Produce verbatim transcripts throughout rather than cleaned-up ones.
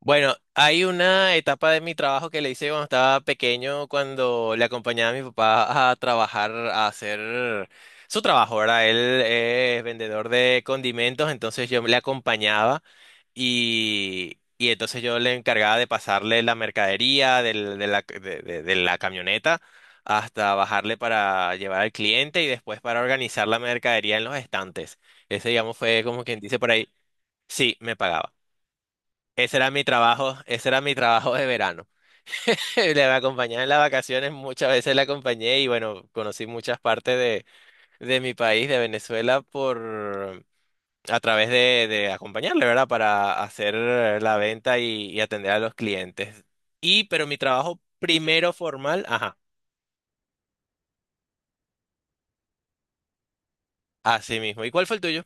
Bueno, hay una etapa de mi trabajo que le hice cuando estaba pequeño, cuando le acompañaba a mi papá a trabajar, a hacer su trabajo, ¿verdad? Él es vendedor de condimentos, entonces yo le acompañaba y, y entonces yo le encargaba de pasarle la mercadería del- de la, de de- de la camioneta hasta bajarle para llevar al cliente y después para organizar la mercadería en los estantes. Ese, digamos, fue como quien dice por ahí, sí, me pagaba. Ese era mi trabajo, ese era mi trabajo de verano. Le acompañaba en las vacaciones, muchas veces la acompañé y bueno, conocí muchas partes de, de mi país, de Venezuela, por a través de, de acompañarle, ¿verdad? Para hacer la venta y, y atender a los clientes. Y, pero mi trabajo primero formal, ajá, así mismo. ¿Y cuál fue el tuyo?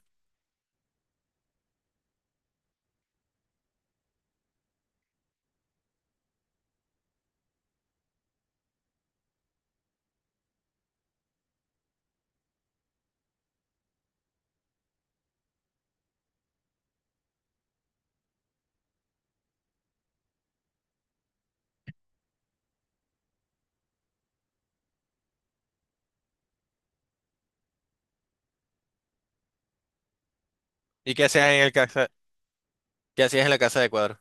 ¿Y qué hacías en el casa, qué hacías en la casa de cuadro?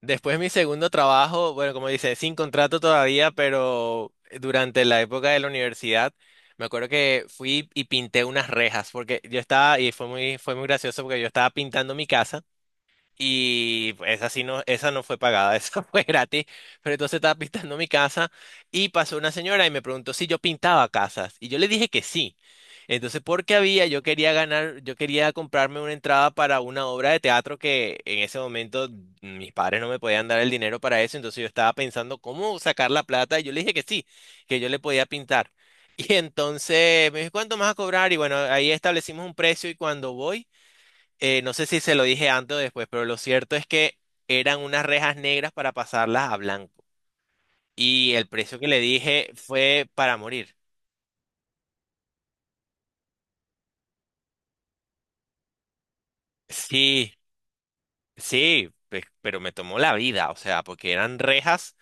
Después mi segundo trabajo, bueno, como dice, sin contrato todavía, pero durante la época de la universidad, me acuerdo que fui y pinté unas rejas, porque yo estaba, y fue muy, fue muy gracioso porque yo estaba pintando mi casa. Y esa sí no, esa no fue pagada, esa fue gratis. Pero entonces estaba pintando mi casa y pasó una señora y me preguntó si yo pintaba casas. Y yo le dije que sí. Entonces, porque había, yo quería ganar, yo quería comprarme una entrada para una obra de teatro que en ese momento mis padres no me podían dar el dinero para eso. Entonces yo estaba pensando cómo sacar la plata y yo le dije que sí, que yo le podía pintar. Y entonces me dijo, ¿cuánto me vas a cobrar? Y bueno, ahí establecimos un precio y cuando voy... Eh, no sé si se lo dije antes o después, pero lo cierto es que eran unas rejas negras para pasarlas a blanco. Y el precio que le dije fue para morir. Sí, sí, pe- pero me tomó la vida, o sea, porque eran rejas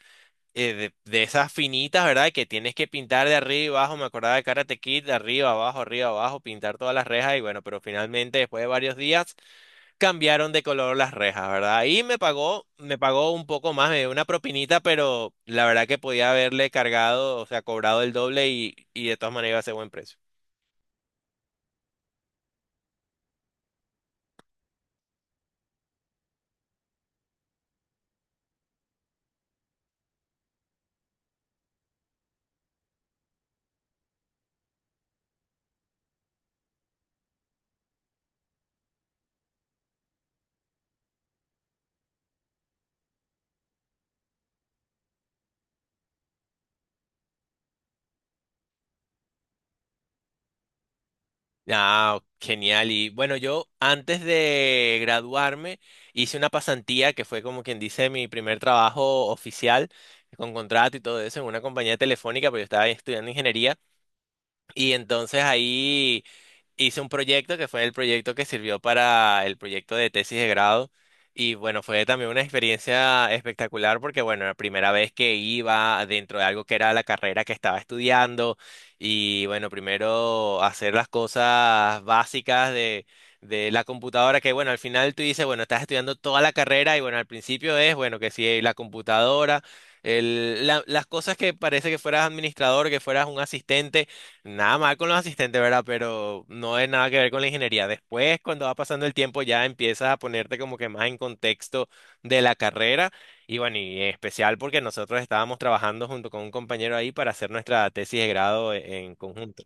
eh, de, de esas finitas, ¿verdad? Que tienes que pintar de arriba y abajo. Me acordaba de Karate Kid, de arriba, abajo, arriba, abajo, pintar todas las rejas. Y bueno, pero finalmente, después de varios días cambiaron de color las rejas, ¿verdad? Y me pagó, me pagó un poco más, me dio una propinita, pero la verdad que podía haberle cargado, o sea, cobrado el doble y, y de todas maneras iba a ser buen precio. Ah, genial. Y bueno, yo antes de graduarme hice una pasantía que fue como quien dice mi primer trabajo oficial con contrato y todo eso en una compañía telefónica, pero yo estaba estudiando ingeniería y entonces ahí hice un proyecto que fue el proyecto que sirvió para el proyecto de tesis de grado. Y bueno, fue también una experiencia espectacular porque, bueno, la primera vez que iba dentro de algo que era la carrera que estaba estudiando y, bueno, primero hacer las cosas básicas de, de la computadora que, bueno, al final tú dices, bueno, estás estudiando toda la carrera y, bueno, al principio es, bueno, que si la computadora, el, la- las cosas que parece que fueras administrador, que fueras un asistente. Nada mal con los asistentes, ¿verdad? Pero no es nada que ver con la ingeniería. Después, cuando va pasando el tiempo, ya empiezas a ponerte como que más en contexto de la carrera. Y bueno, y en especial porque nosotros estábamos trabajando junto con un compañero ahí para hacer nuestra tesis de grado e- en conjunto.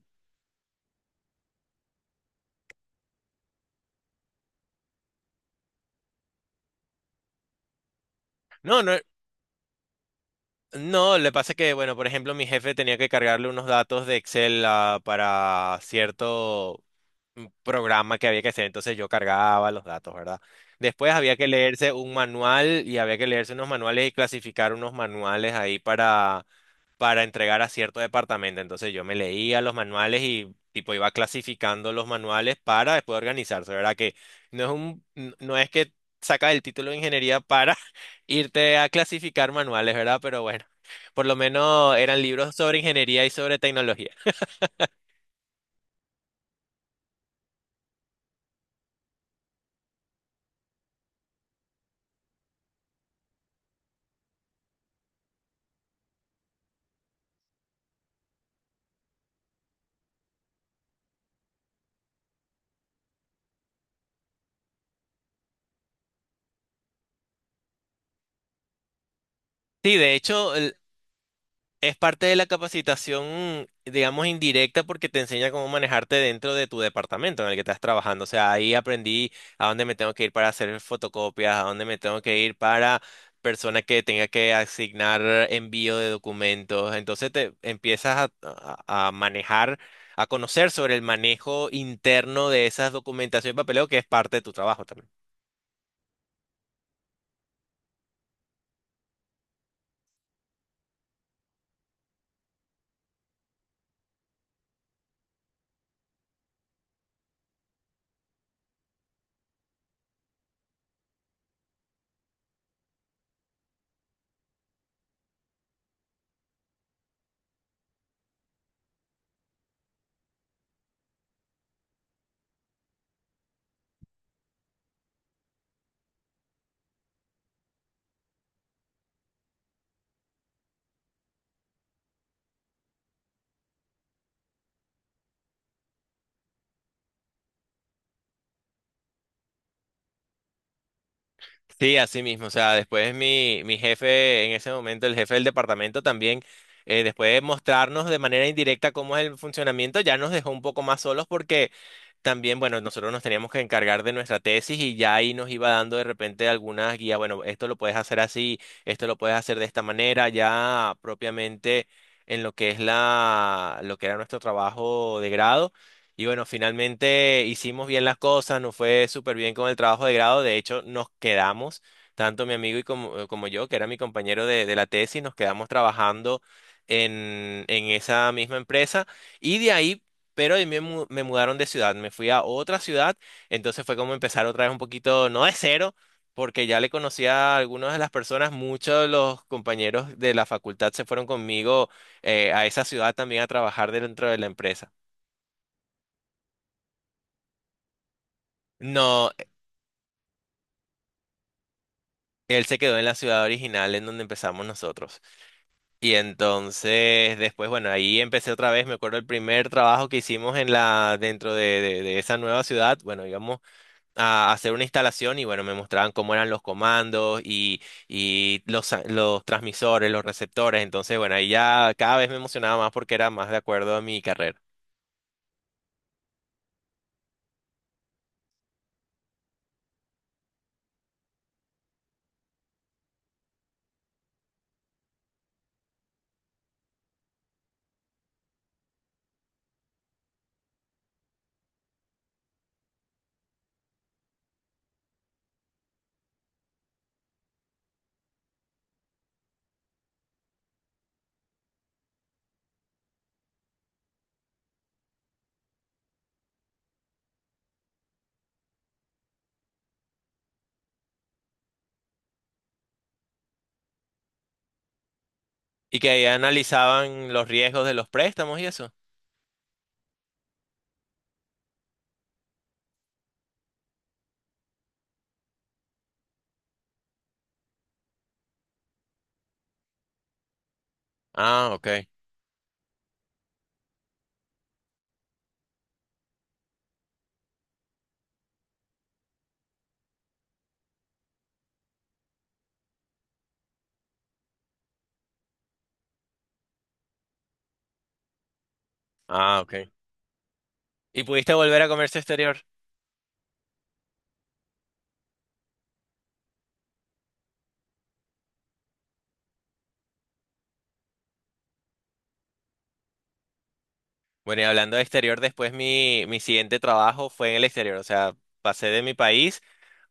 No, no, no, le pasa que, bueno, por ejemplo, mi jefe tenía que cargarle unos datos de Excel ah, para cierto un programa que había que hacer, entonces yo cargaba los datos, ¿verdad? Después había que leerse un manual y había que leerse unos manuales y clasificar unos manuales ahí para, para entregar a cierto departamento. Entonces yo me leía los manuales y tipo iba clasificando los manuales para después organizarse, ¿verdad? Que no es un, n- no es que sacas el título de ingeniería para irte a clasificar manuales, ¿verdad? Pero bueno, por lo menos eran libros sobre ingeniería y sobre tecnología. Sí, de hecho, es parte de la capacitación, digamos, indirecta porque te enseña cómo manejarte dentro de tu departamento en el que estás trabajando. O sea, ahí aprendí a dónde me tengo que ir para hacer fotocopias, a dónde me tengo que ir para persona que tenga que asignar envío de documentos. Entonces te empiezas a, a- a manejar, a conocer sobre el manejo interno de esas documentaciones y papeleo que es parte de tu trabajo también. Sí, así mismo. O sea, después mi, mi jefe, en ese momento, el jefe del departamento también, eh, después de mostrarnos de manera indirecta cómo es el funcionamiento, ya nos dejó un poco más solos porque también, bueno, nosotros nos teníamos que encargar de nuestra tesis y ya ahí nos iba dando de repente algunas guías, bueno, esto lo puedes hacer así, esto lo puedes hacer de esta manera, ya propiamente en lo que es la, lo que era nuestro trabajo de grado. Y bueno, finalmente hicimos bien las cosas, nos fue súper bien con el trabajo de grado, de hecho nos quedamos, tanto mi amigo y como, eh, como yo, que era mi compañero de, de la tesis, nos quedamos trabajando en, en esa misma empresa. Y de ahí, pero ahí me, mu- me mudaron de ciudad, me fui a otra ciudad, entonces fue como empezar otra vez un poquito, no de cero, porque ya le conocía a algunas de las personas, muchos de los compañeros de la facultad se fueron conmigo eh, a esa ciudad también a trabajar dentro de la empresa. No, él se quedó en la ciudad original en donde empezamos nosotros. Y entonces después, bueno, ahí empecé otra vez, me acuerdo el primer trabajo que hicimos en la, dentro de, de de esa nueva ciudad, bueno, íbamos a hacer una instalación y bueno, me mostraban cómo eran los comandos y, y los, a- los transmisores, los receptores. Entonces, bueno, ahí ya cada vez me emocionaba más porque era más de acuerdo a mi carrera. Y que ahí analizaban los riesgos de los préstamos y eso. Ah, ok. Ah, ok. ¿Y pudiste volver a comercio exterior? Bueno, y hablando de exterior, después mi, mi siguiente trabajo fue en el exterior. O sea, pasé de mi país.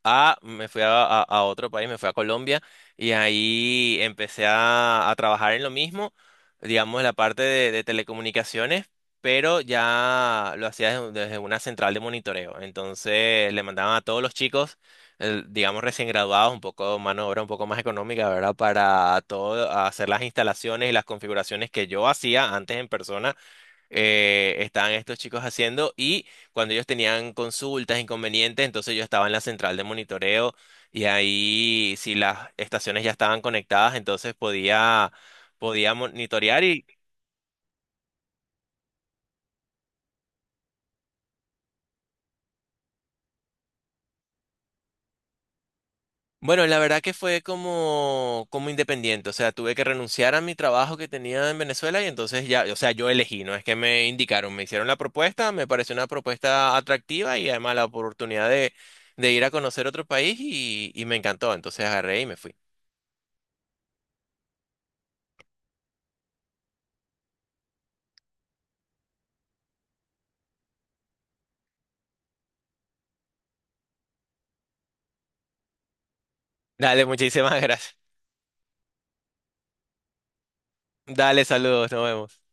A, me fui a, a- a otro país, me fui a Colombia y ahí empecé a, a trabajar en lo mismo, digamos, la parte de, de telecomunicaciones, pero ya lo hacía desde, desde una central de monitoreo. Entonces le mandaban a todos los chicos, eh, digamos, recién graduados, un poco mano de obra, un poco más económica, ¿verdad? Para todo, hacer las instalaciones y las configuraciones que yo hacía antes en persona, eh, estaban estos chicos haciendo y cuando ellos tenían consultas, inconvenientes, entonces yo estaba en la central de monitoreo y ahí si las estaciones ya estaban conectadas, entonces podía, podía monitorear y bueno, la verdad que fue como, como independiente, o sea, tuve que renunciar a mi trabajo que tenía en Venezuela y entonces ya, o sea, yo elegí, no es que me indicaron, me hicieron la propuesta, me pareció una propuesta atractiva y además la oportunidad de... de ir a conocer otro país y, y me encantó, entonces agarré y me fui. Dale, muchísimas gracias. Dale, saludos, nos vemos.